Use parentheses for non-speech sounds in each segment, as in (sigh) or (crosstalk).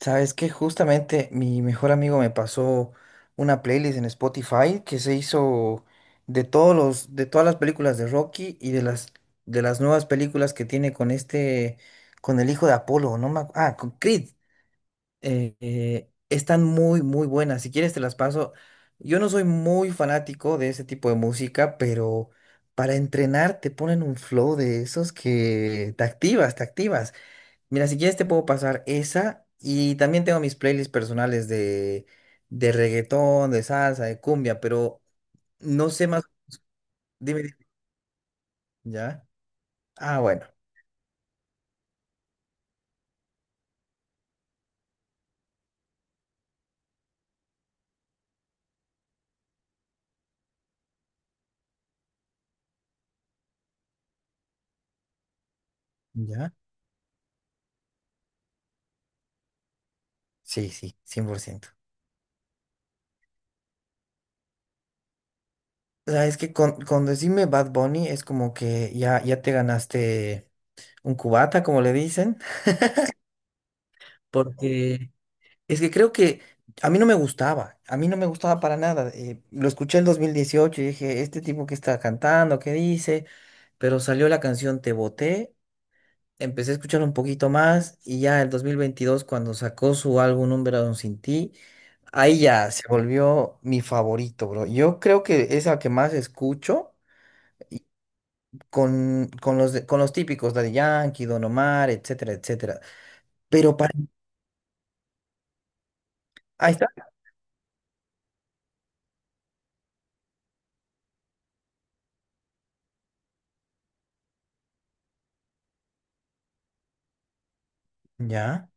Sabes que justamente mi mejor amigo me pasó una playlist en Spotify que se hizo de de todas las películas de Rocky y de las nuevas películas que tiene con con el hijo de Apolo, no me acu- ah, con Creed. Están muy, muy buenas. Si quieres te las paso. Yo no soy muy fanático de ese tipo de música, pero para entrenar te ponen un flow de esos que te activas, te activas. Mira, si quieres te puedo pasar esa y también tengo mis playlists personales de reggaetón, de salsa, de cumbia, pero no sé más. Dime, dime. ¿Ya? Ah, bueno. ¿Ya? Sí, sí, cien por ciento. O sea, es que con decirme Bad Bunny es como que ya, ya te ganaste un cubata, como le dicen, (laughs) porque es que creo que a mí no me gustaba, a mí no me gustaba para nada. Lo escuché en 2018 y dije, este tipo que está cantando, ¿qué dice? Pero salió la canción Te Boté, empecé a escuchar un poquito más y ya el 2022 cuando sacó su álbum Un Verano Sin Ti, ahí ya se volvió mi favorito, bro. Yo creo que es la que más escucho y con los típicos, Daddy Yankee, Don Omar, etcétera, etcétera. Pero para... Ahí está. Ya.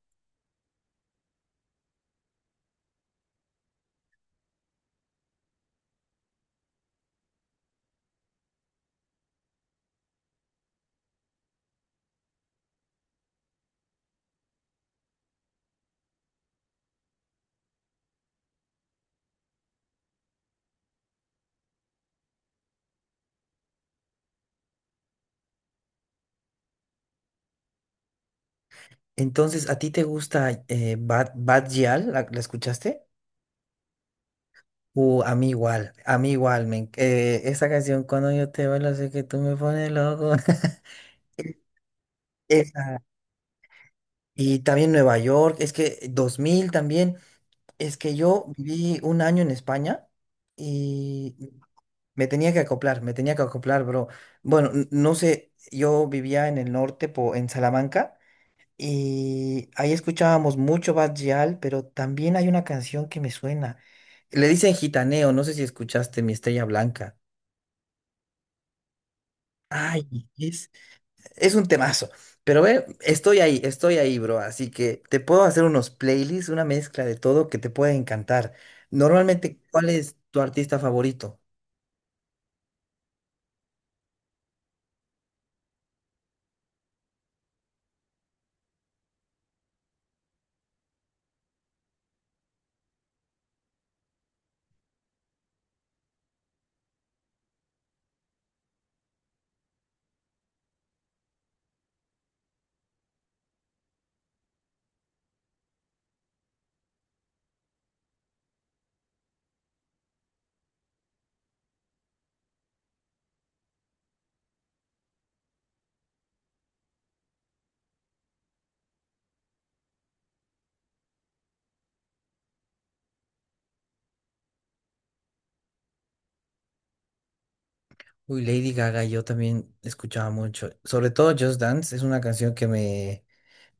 Entonces, ¿a ti te gusta Bad Gyal? La escuchaste? A mí igual, a mí igual. Esa canción, cuando yo te bailo, sé que tú me pones loco. (laughs) Esa. Y también Nueva York, es que 2000 también, es que yo viví un año en España y me tenía que acoplar, me tenía que acoplar, bro. Bueno, no sé, yo vivía en el norte, en Salamanca, y ahí escuchábamos mucho Bad Gyal, pero también hay una canción que me suena. Le dicen Gitaneo, no sé si escuchaste Mi Estrella Blanca. Ay, es, es un temazo. Pero ve, estoy ahí, bro. Así que te puedo hacer unos playlists, una mezcla de todo que te puede encantar. Normalmente, ¿cuál es tu artista favorito? Uy, Lady Gaga, yo también escuchaba mucho. Sobre todo Just Dance, es una canción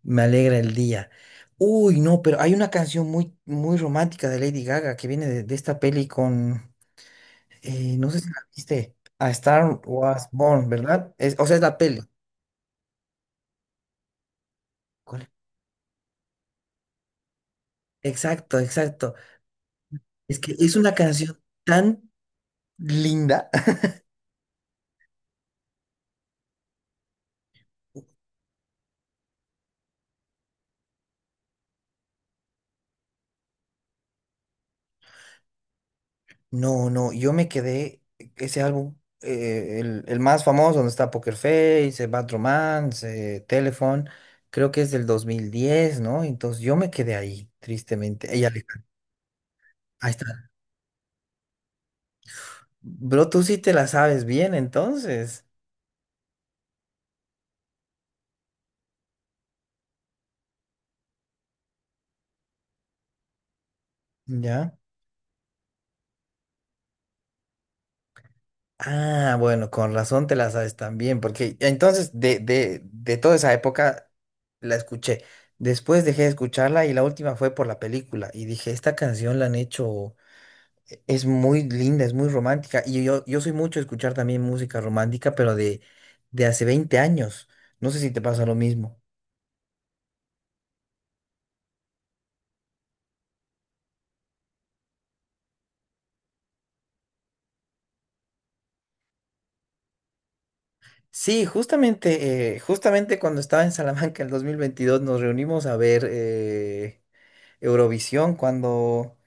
me alegra el día. Uy, no, pero hay una canción muy, muy romántica de Lady Gaga que viene de esta peli con, no sé si la viste, A Star Was Born, ¿verdad? O sea, es la peli. ¿Cuál? Exacto, exacto. Es que es una canción tan linda. (laughs) No, no, yo me quedé, ese álbum, el más famoso, donde está Poker Face, Bad Romance, Telephone, creo que es del 2010, ¿no? Entonces yo me quedé ahí, tristemente. Ella, ahí está. Bro, tú sí te la sabes bien, entonces. ¿Ya? Ah, bueno, con razón te la sabes también, porque entonces de toda esa época la escuché. Después dejé de escucharla y la última fue por la película. Y dije, esta canción la han hecho, es muy linda, es muy romántica. Yo soy mucho de escuchar también música romántica, pero de hace 20 años. No sé si te pasa lo mismo. Sí, justamente, justamente cuando estaba en Salamanca en el 2022 nos reunimos a ver... Eurovisión cuando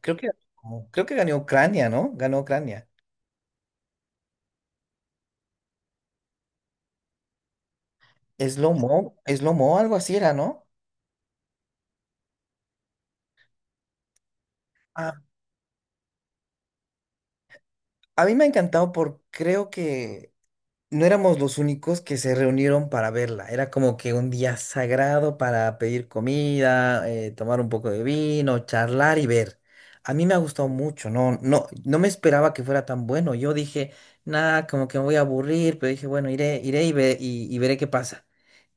creo que creo que ganó Ucrania, ¿no? Ganó Ucrania. Slow Mo, Slow Mo, algo así era, ¿no? Ah, a mí me ha encantado porque creo que no éramos los únicos que se reunieron para verla. Era como que un día sagrado para pedir comida, tomar un poco de vino, charlar y ver. A mí me ha gustado mucho, no, no, no me esperaba que fuera tan bueno. Yo dije, nada, como que me voy a aburrir, pero dije, bueno, iré, y veré qué pasa.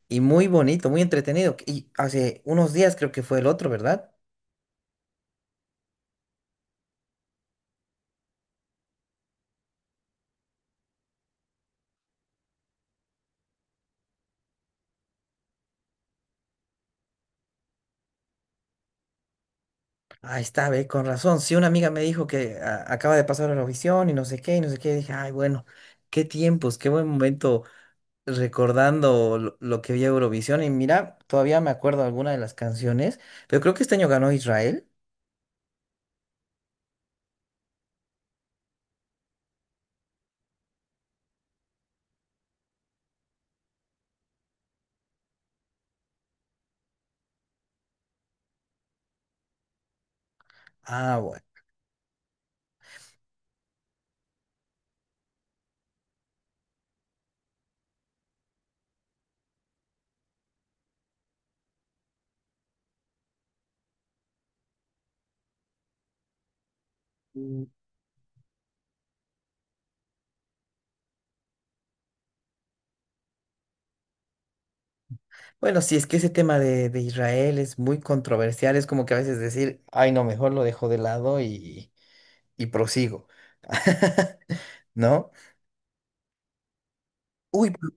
Y muy bonito, muy entretenido. Y hace unos días creo que fue el otro, ¿verdad? Ahí está, ve, con razón. Sí, una amiga me dijo que acaba de pasar a Eurovisión y no sé qué, y no sé qué. Dije, ay, bueno, qué tiempos, qué buen momento recordando lo que vi a Eurovisión. Y mira, todavía me acuerdo alguna de las canciones, pero creo que este año ganó Israel. Ah, bueno. Mm. Bueno, sí, es que ese tema de Israel es muy controversial. Es como que a veces decir, ay, no, mejor lo dejo de lado y prosigo. (laughs) ¿No? Uy,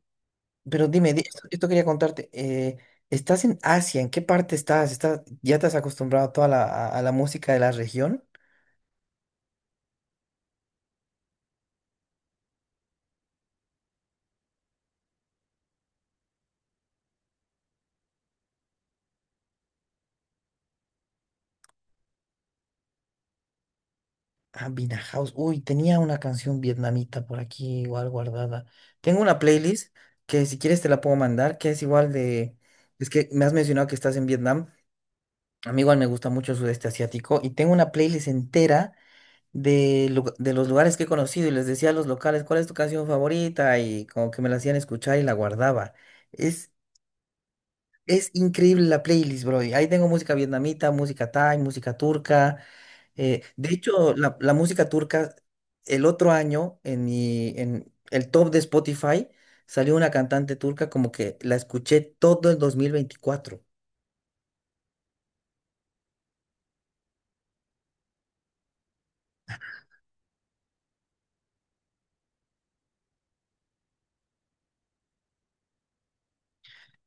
pero dime, esto, esto quería contarte. ¿Estás en Asia? ¿En qué parte estás? ¿Estás, ya te has acostumbrado a a la música de la región? Ah, Vina House. Uy, tenía una canción vietnamita por aquí igual guardada. Tengo una playlist que si quieres te la puedo mandar, que es igual de... Es que me has mencionado que estás en Vietnam. A mí igual me gusta mucho el sudeste asiático y tengo una playlist entera de los lugares que he conocido y les decía a los locales cuál es tu canción favorita y como que me la hacían escuchar y la guardaba. Es Es increíble la playlist, bro. Y ahí tengo música vietnamita, música thai, música turca. De hecho, la música turca, el otro año, en el top de Spotify, salió una cantante turca como que la escuché todo el 2024.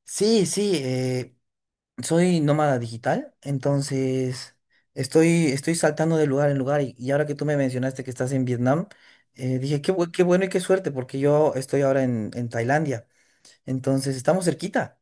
Sí, sí, soy nómada digital, entonces estoy saltando de lugar en lugar. Y ahora que tú me mencionaste que estás en Vietnam, dije, qué bueno y qué suerte, porque yo estoy ahora en Tailandia. Entonces, estamos cerquita.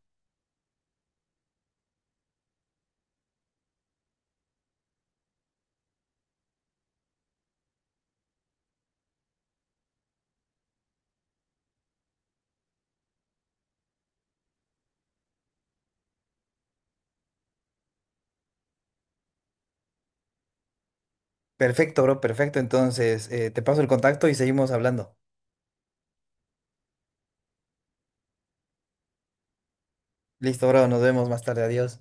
Perfecto, bro, perfecto. Entonces, te paso el contacto y seguimos hablando. Listo, bro, nos vemos más tarde. Adiós.